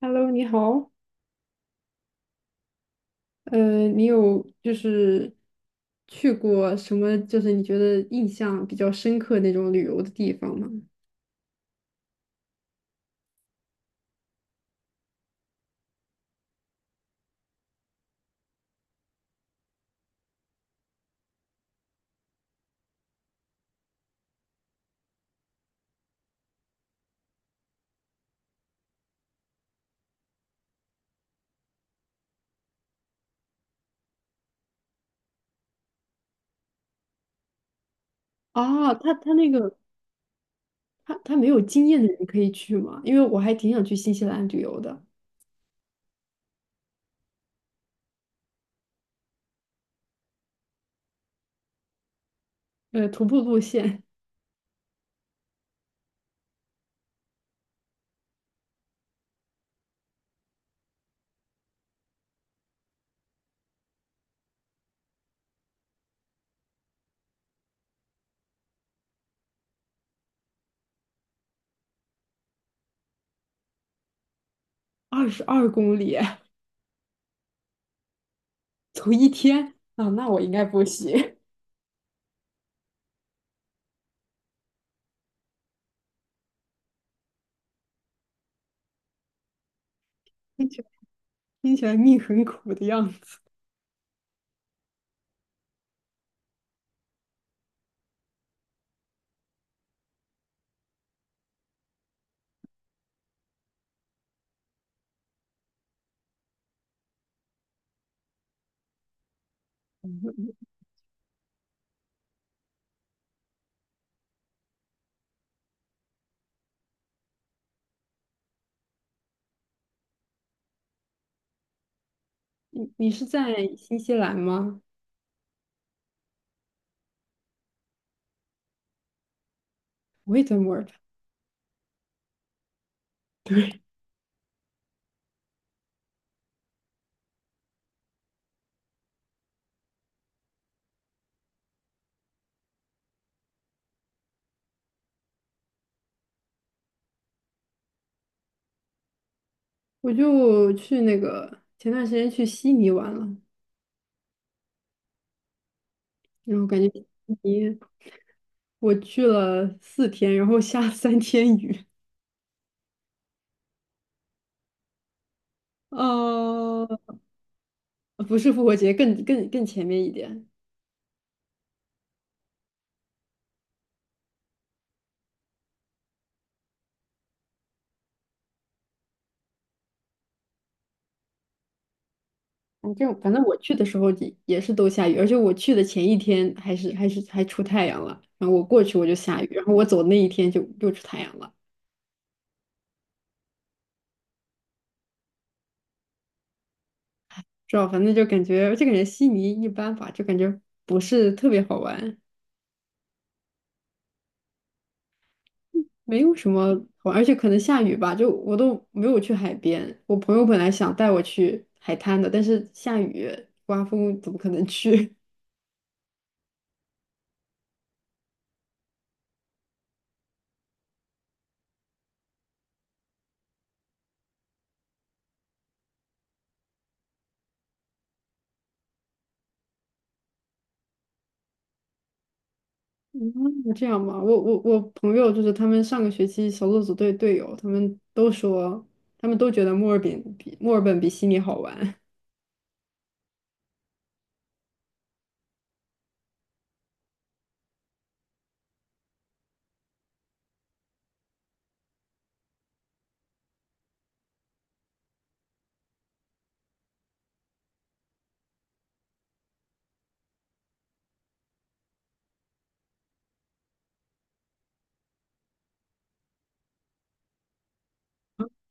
Hello，你好。你有就是去过什么，就是你觉得印象比较深刻那种旅游的地方吗？啊，他那个他没有经验的人可以去吗？因为我还挺想去新西兰旅游的。徒步路线22公里，走一天啊，那我应该不行。听起来听起来命很苦的样子。你是在新西兰吗？我也在墨尔本，我就去那个前段时间去悉尼玩了。然后感觉你我去了4天，然后下了3天雨，呃，不是复活节，更前面一点。反正我去的时候也是都下雨，而且我去的前一天还是还出太阳了，然后我过去我就下雨，然后我走那一天就又出太阳了，知道？反正就感觉这个人悉尼一般吧，就感觉不是特别好玩。没有什么好玩，而且可能下雨吧，就我都没有去海边。我朋友本来想带我去海滩的，但是下雨刮风，怎么可能去？嗯，这样吧，我朋友就是他们上个学期小组组队队友，他们都说，他们都觉得墨尔本比墨尔本比悉尼好玩。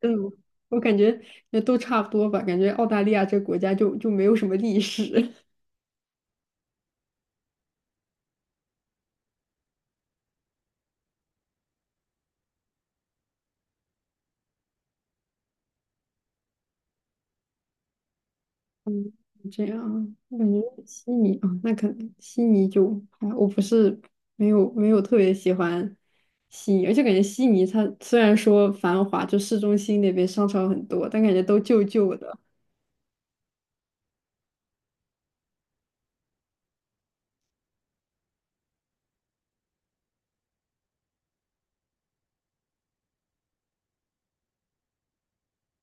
嗯，我感觉也都差不多吧，感觉澳大利亚这个国家就没有什么历史。这样，我感觉悉尼啊，那可能悉尼就还我不是没有特别喜欢悉尼，而且感觉悉尼它虽然说繁华，就市中心那边商场很多，但感觉都旧旧的。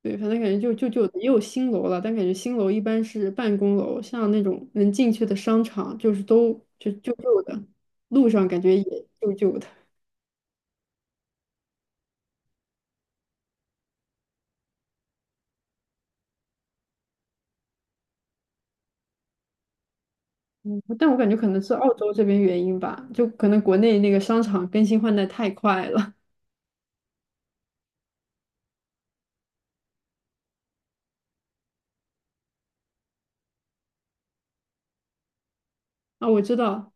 对，反正感觉就旧旧的，也有新楼了，但感觉新楼一般是办公楼，像那种能进去的商场，就是都就旧旧的，路上感觉也旧旧的。嗯，但我感觉可能是澳洲这边原因吧，就可能国内那个商场更新换代太快了。啊，我知道，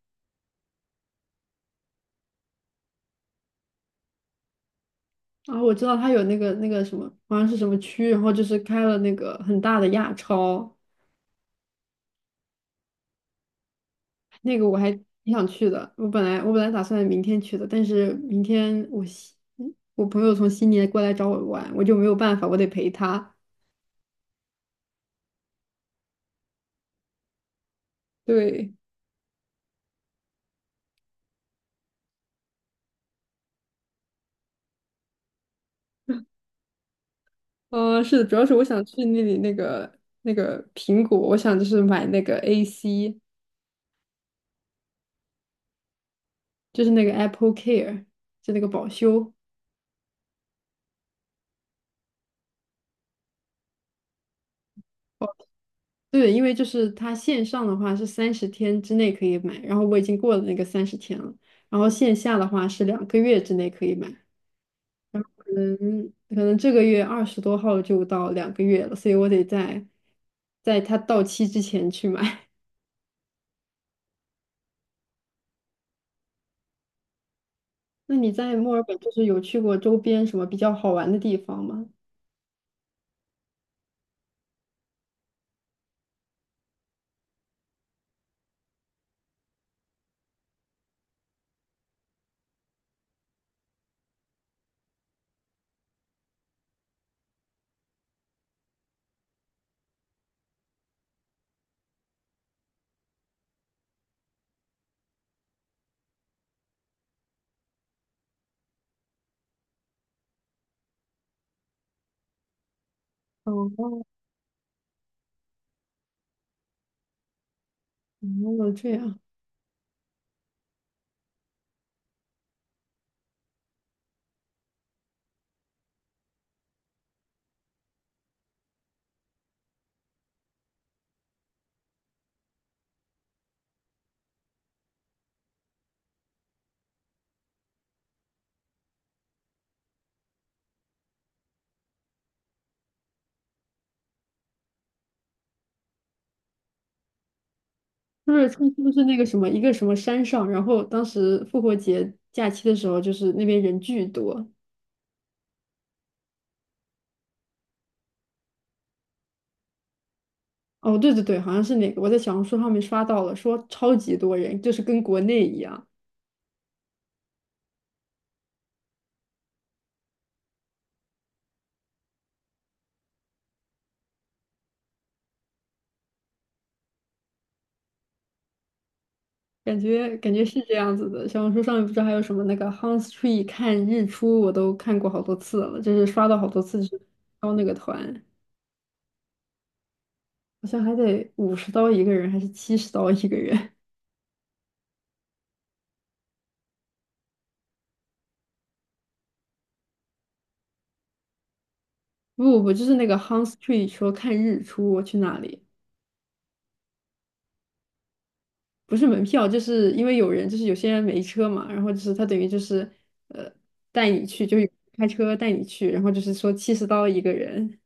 啊，我知道他有那个那个什么，好像是什么区，然后就是开了那个很大的亚超，那个我还挺想去的。我本来打算明天去的，但是明天我朋友从悉尼过来找我玩，我就没有办法，我得陪他。对，嗯、是的，主要是我想去那里那个那个苹果，我想就是买那个 AC，就是那个 Apple Care，就那个保修。对，因为就是它线上的话是三十天之内可以买，然后我已经过了那个三十天了，然后线下的话是两个月之内可以买，可能可能这个月20多号就到两个月了，所以我得在它到期之前去买。那你在墨尔本就是有去过周边什么比较好玩的地方吗？哦哦，这样，就是它是不是那个什么一个什么山上，然后当时复活节假期的时候，就是那边人巨多。哦，对对对，好像是那个，我在小红书上面刷到了，说超级多人，就是跟国内一样，感觉感觉是这样子的。小红书上面不知道还有什么那个 Hans Tree t 看日出，我都看过好多次了，就是刷到好多次，就是招那个团，好像还得50刀一个人，还是七十刀一个人？不不不，就是那个 Hans Tree t 说看日出，我去那里不是门票，就是因为有人，就是有些人没车嘛，然后就是他等于就是呃带你去，就是开车带你去，然后就是说七十刀一个人。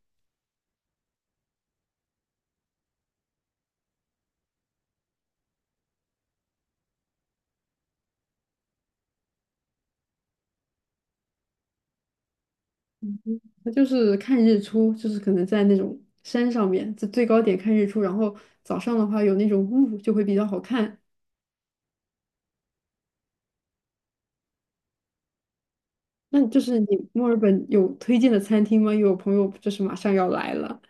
它就是看日出，就是可能在那种山上面，在最高点看日出，然后早上的话有那种雾，就会比较好看。那就是你墨尔本有推荐的餐厅吗？有朋友就是马上要来了，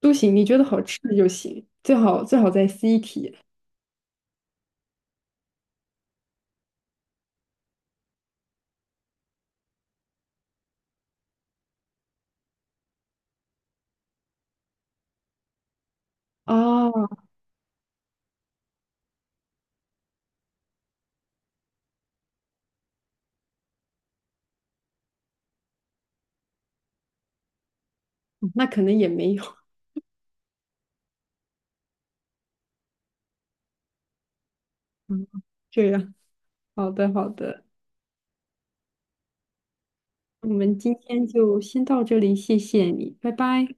都行，你觉得好吃的就行，最好最好在 city 哦，那可能也没有，嗯，这样，好的好的，我们今天就先到这里，谢谢你，拜拜。